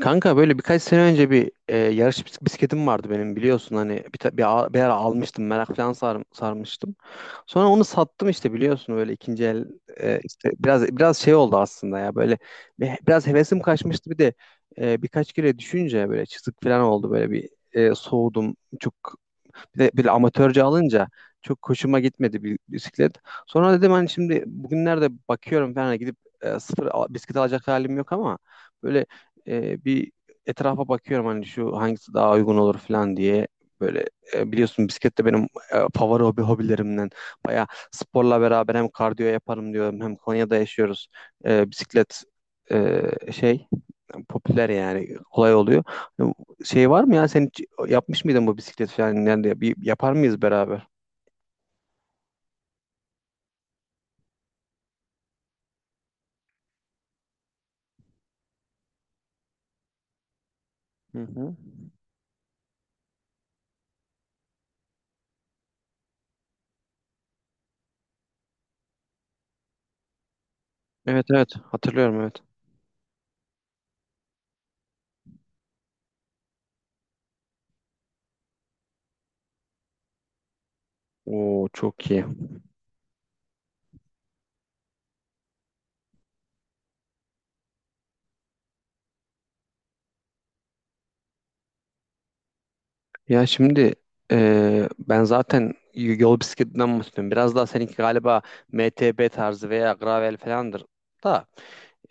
Kanka böyle birkaç sene önce yarış bisikletim vardı benim biliyorsun hani bir, ta- bir, a- bir ara almıştım merak falan sarmıştım. Sonra onu sattım işte biliyorsun böyle ikinci el işte biraz şey oldu aslında ya böyle biraz hevesim kaçmıştı bir de birkaç kere düşünce böyle çizik falan oldu böyle soğudum çok bir de böyle amatörce alınca çok hoşuma gitmedi bir bisiklet. Sonra dedim hani şimdi bugünlerde bakıyorum falan hani, gidip bisiklet alacak halim yok ama böyle e, bir etrafa bakıyorum hani şu hangisi daha uygun olur falan diye. Biliyorsun bisiklet de benim favori hobilerimden. Bayağı sporla beraber hem kardiyo yaparım diyorum hem Konya'da yaşıyoruz. Bisiklet e, şey popüler yani kolay oluyor. Yani Şey var mı ya sen hiç yapmış mıydın bu bisiklet falan yani bir yapar mıyız beraber? Hı hı. Evet, evet, hatırlıyorum, evet. Oo, çok iyi. Ya şimdi ben zaten yol bisikletinden bahsediyorum. Biraz daha seninki galiba MTB tarzı veya gravel falandır da.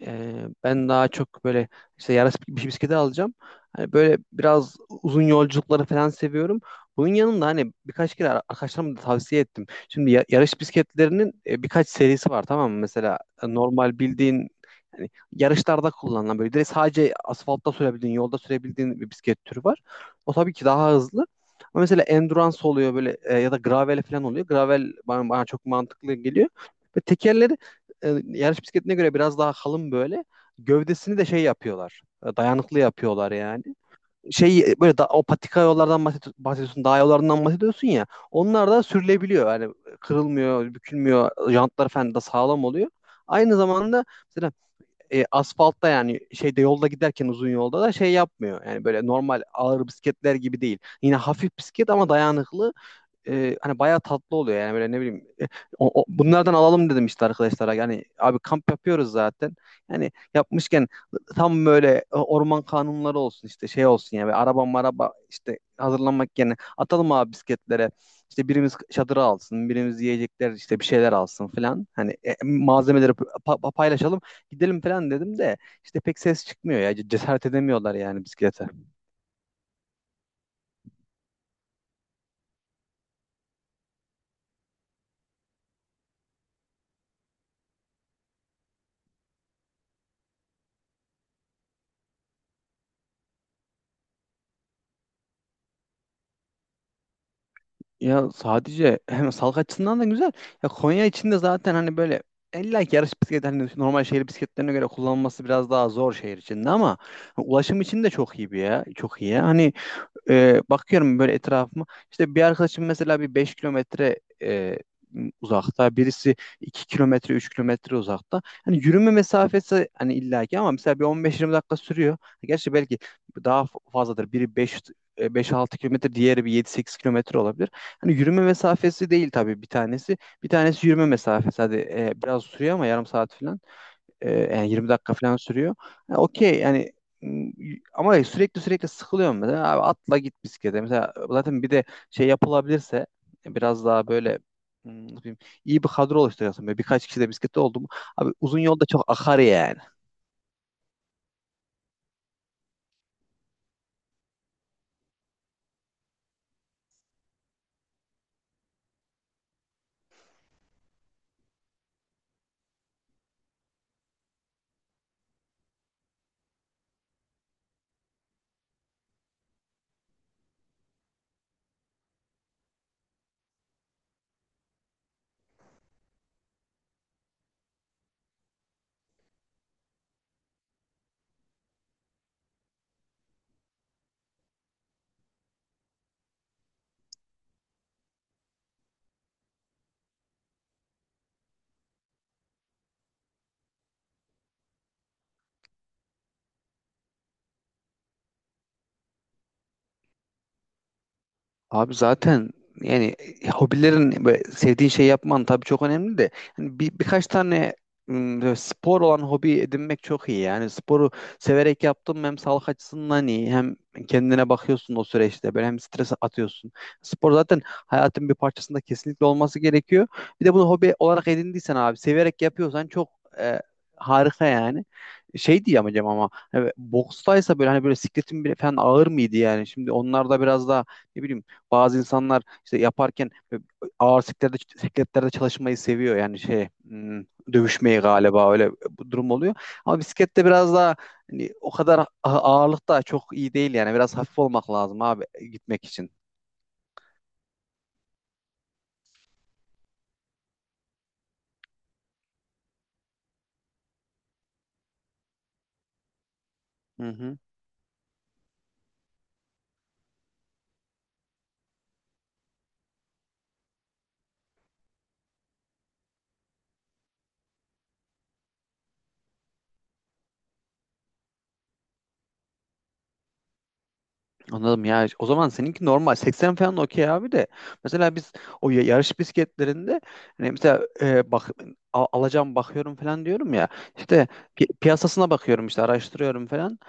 Ben daha çok böyle işte yarış bir bisikleti alacağım. Hani böyle biraz uzun yolculukları falan seviyorum. Bunun yanında hani birkaç kere arkadaşlarıma da tavsiye ettim. Şimdi yarış bisikletlerinin birkaç serisi var, tamam mı? Mesela normal bildiğin hani yarışlarda kullanılan böyle direkt sadece asfaltta sürebildiğin, yolda sürebildiğin bir bisiklet türü var. O tabii ki daha hızlı. Ama mesela endurance oluyor böyle ya da gravel falan oluyor. Gravel bana çok mantıklı geliyor. Ve tekerleri yarış bisikletine göre biraz daha kalın böyle. Gövdesini de şey yapıyorlar. Dayanıklı yapıyorlar yani. Şey o patika yollardan bahsediyorsun, dağ yollarından bahsediyorsun ya. Onlar da sürülebiliyor. Yani kırılmıyor, bükülmüyor. Jantlar falan da sağlam oluyor. Aynı zamanda mesela asfaltta yani şeyde yolda giderken uzun yolda da şey yapmıyor. Yani böyle normal ağır bisikletler gibi değil. Yine hafif bisiklet ama dayanıklı, hani bayağı tatlı oluyor yani böyle ne bileyim, bunlardan alalım dedim işte arkadaşlara yani abi kamp yapıyoruz zaten yani yapmışken tam böyle orman kanunları olsun işte şey olsun ya yani araba maraba işte hazırlanmak yerine atalım abi bisikletlere, işte birimiz çadırı alsın birimiz yiyecekler işte bir şeyler alsın falan hani malzemeleri paylaşalım gidelim falan dedim de işte pek ses çıkmıyor ya, cesaret edemiyorlar yani bisiklete. Ya sadece hem sağlık açısından da güzel. Ya Konya içinde zaten hani böyle illa ki yarış bisikleti hani normal şehir bisikletlerine göre kullanılması biraz daha zor şehir içinde ama ulaşım için de çok iyi bir ya. Çok iyi ya. Hani bakıyorum böyle etrafıma. İşte bir arkadaşım mesela bir 5 kilometre uzakta, birisi 2 kilometre, 3 kilometre uzakta. Hani yürüme mesafesi hani illaki, ama mesela bir 15 20 dakika sürüyor. Gerçi belki daha fazladır. Biri 5 6 kilometre, diğeri bir 7 8 kilometre olabilir. Hani yürüme mesafesi değil tabii bir tanesi. Bir tanesi yürüme mesafesi. Hadi, biraz sürüyor ama yarım saat falan. Yani 20 dakika falan sürüyor. Ha, okey yani, m, ama sürekli sıkılıyorum mesela. Abi atla git bisiklete. Mesela zaten bir de şey yapılabilirse biraz daha böyle, ne bileyim, iyi bir kadro oluşturuyorsun. Böyle birkaç kişi de bisiklette oldu mu? Abi uzun yolda çok akar yani. Abi zaten yani hobilerin böyle sevdiğin şey yapman tabii çok önemli de hani birkaç tane, böyle spor olan hobi edinmek çok iyi. Yani sporu severek yaptım, hem sağlık açısından iyi hem kendine bakıyorsun o süreçte böyle, hem stres atıyorsun. Spor zaten hayatın bir parçasında kesinlikle olması gerekiyor. Bir de bunu hobi olarak edindiysen abi severek yapıyorsan çok e, harika yani. Şey diyeceğim hocam, ama hani bokstaysa böyle hani böyle sikletin bile falan ağır mıydı yani? Şimdi onlar da biraz daha ne bileyim, bazı insanlar işte yaparken ağır sikletlerde çalışmayı seviyor yani şey, dövüşmeyi galiba öyle bu durum oluyor. Ama bisiklette biraz daha hani, o kadar ağırlık da çok iyi değil, yani biraz hafif olmak lazım abi, gitmek için. Hı hı. Anladım ya. O zaman seninki normal. 80 falan okey abi de. Mesela biz o yarış bisikletlerinde hani mesela alacağım bakıyorum falan diyorum ya. İşte piyasasına bakıyorum işte araştırıyorum falan.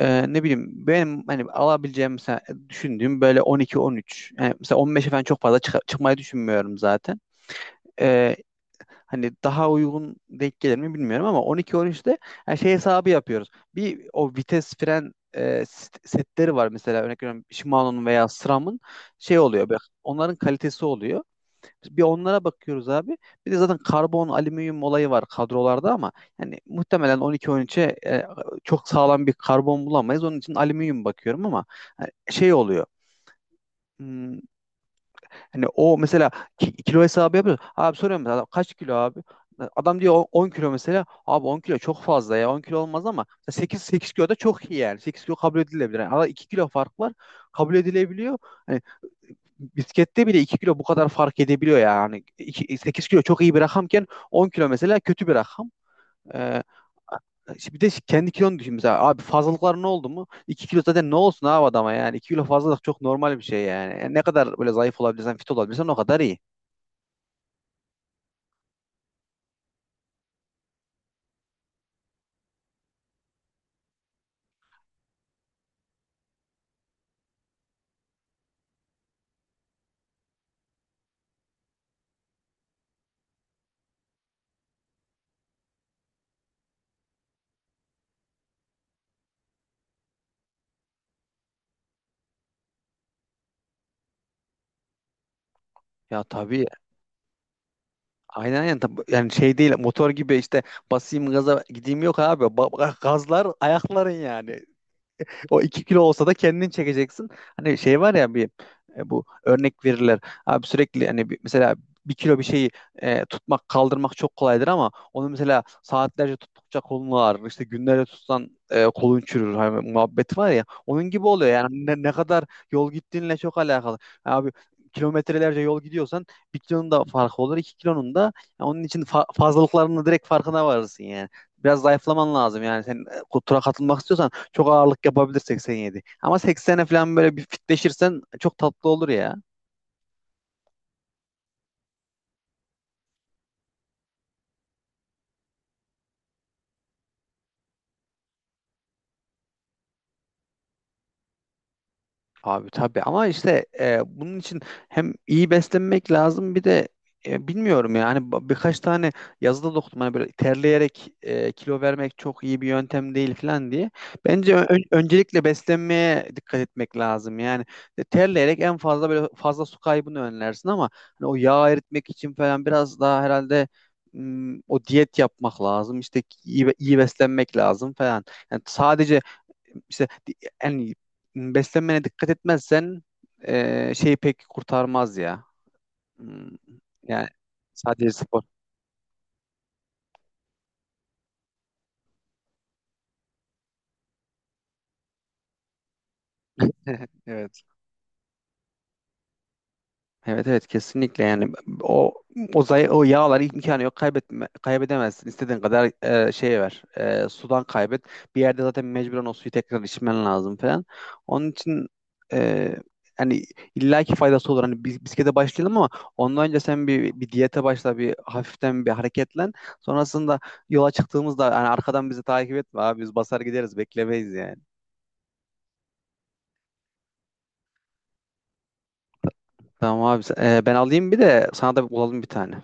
Ne bileyim benim hani alabileceğim, mesela düşündüğüm böyle 12-13, yani mesela 15'e falan çok fazla çıkmayı düşünmüyorum zaten. Ee, Hani daha uygun denk gelir mi bilmiyorum, ama 12-13'te yani şey hesabı yapıyoruz. Bir o vites fren setleri var mesela, örnek veriyorum, Shimano'nun veya SRAM'ın şey oluyor böyle. Onların kalitesi oluyor. Bir onlara bakıyoruz abi. Bir de zaten karbon, alüminyum olayı var kadrolarda, ama yani muhtemelen 12-13'e çok sağlam bir karbon bulamayız. Onun için alüminyum bakıyorum, ama şey oluyor. Hmm, Hani o mesela kilo hesabı yapıyor. Abi soruyorum mesela, "Adam kaç kilo abi?" Adam diyor, 10 kilo mesela." Abi 10 kilo çok fazla ya. 10 kilo olmaz ama 8 kilo da çok iyi yani. 8 kilo kabul edilebilir. Yani arada 2 kilo fark var. Kabul edilebiliyor. Biskette bile 2 kilo bu kadar fark edebiliyor yani. İki, sekiz kilo çok iyi bir rakamken 10 kilo mesela kötü bir rakam. Ee, işte bir de kendi kilonu düşün mesela. Abi fazlalıklar ne oldu mu? 2 kilo zaten ne olsun abi adama yani. İki kilo fazlalık çok normal bir şey yani. Yani ne kadar böyle zayıf olabilirsen, fit olabilirsen o kadar iyi. Ya tabii, aynen, yani şey değil motor gibi işte basayım gaza gideyim, yok abi, gazlar ayakların yani. O 2 kilo olsa da kendin çekeceksin. Hani şey var ya, bu örnek verirler. Abi sürekli hani mesela bir kilo bir şeyi tutmak, kaldırmak çok kolaydır ama onu mesela saatlerce tuttukça kolun ağrır. İşte günlerce tutsan kolun çürür. Hani muhabbet var ya. Onun gibi oluyor yani, ne kadar yol gittiğinle çok alakalı. Abi kilometrelerce yol gidiyorsan bir kilonun da farkı olur, iki kilonun da. Yani onun için fazlalıklarının direkt farkına varırsın yani. Biraz zayıflaman lazım yani. Sen tura katılmak istiyorsan çok ağırlık yapabilir 87. Ama 80'e falan böyle bir fitleşirsen çok tatlı olur ya. Abi tabii, ama işte bunun için hem iyi beslenmek lazım, bir de bilmiyorum yani, birkaç tane yazıda da okudum hani böyle terleyerek kilo vermek çok iyi bir yöntem değil falan diye. Bence öncelikle beslenmeye dikkat etmek lazım. Yani terleyerek en fazla böyle fazla su kaybını önlersin, ama hani o yağ eritmek için falan biraz daha herhalde, o diyet yapmak lazım. İşte iyi beslenmek lazım falan. Yani sadece işte yani beslenmene dikkat etmezsen şeyi pek kurtarmaz ya. Hmm, Yani sadece spor. Evet. Evet, evet, kesinlikle yani o o yağlar imkanı yok kaybedemezsin istediğin kadar sudan kaybet, bir yerde zaten mecburen o suyu tekrar içmen lazım falan, onun için e, hani illaki faydası olur hani bisiklete başlayalım, ama ondan önce sen bir diyete başla, bir hafiften bir hareketlen, sonrasında yola çıktığımızda hani arkadan bizi takip etme abi, biz basar gideriz, beklemeyiz yani. Tamam abi, ben alayım, bir de sana da bulalım bir tane.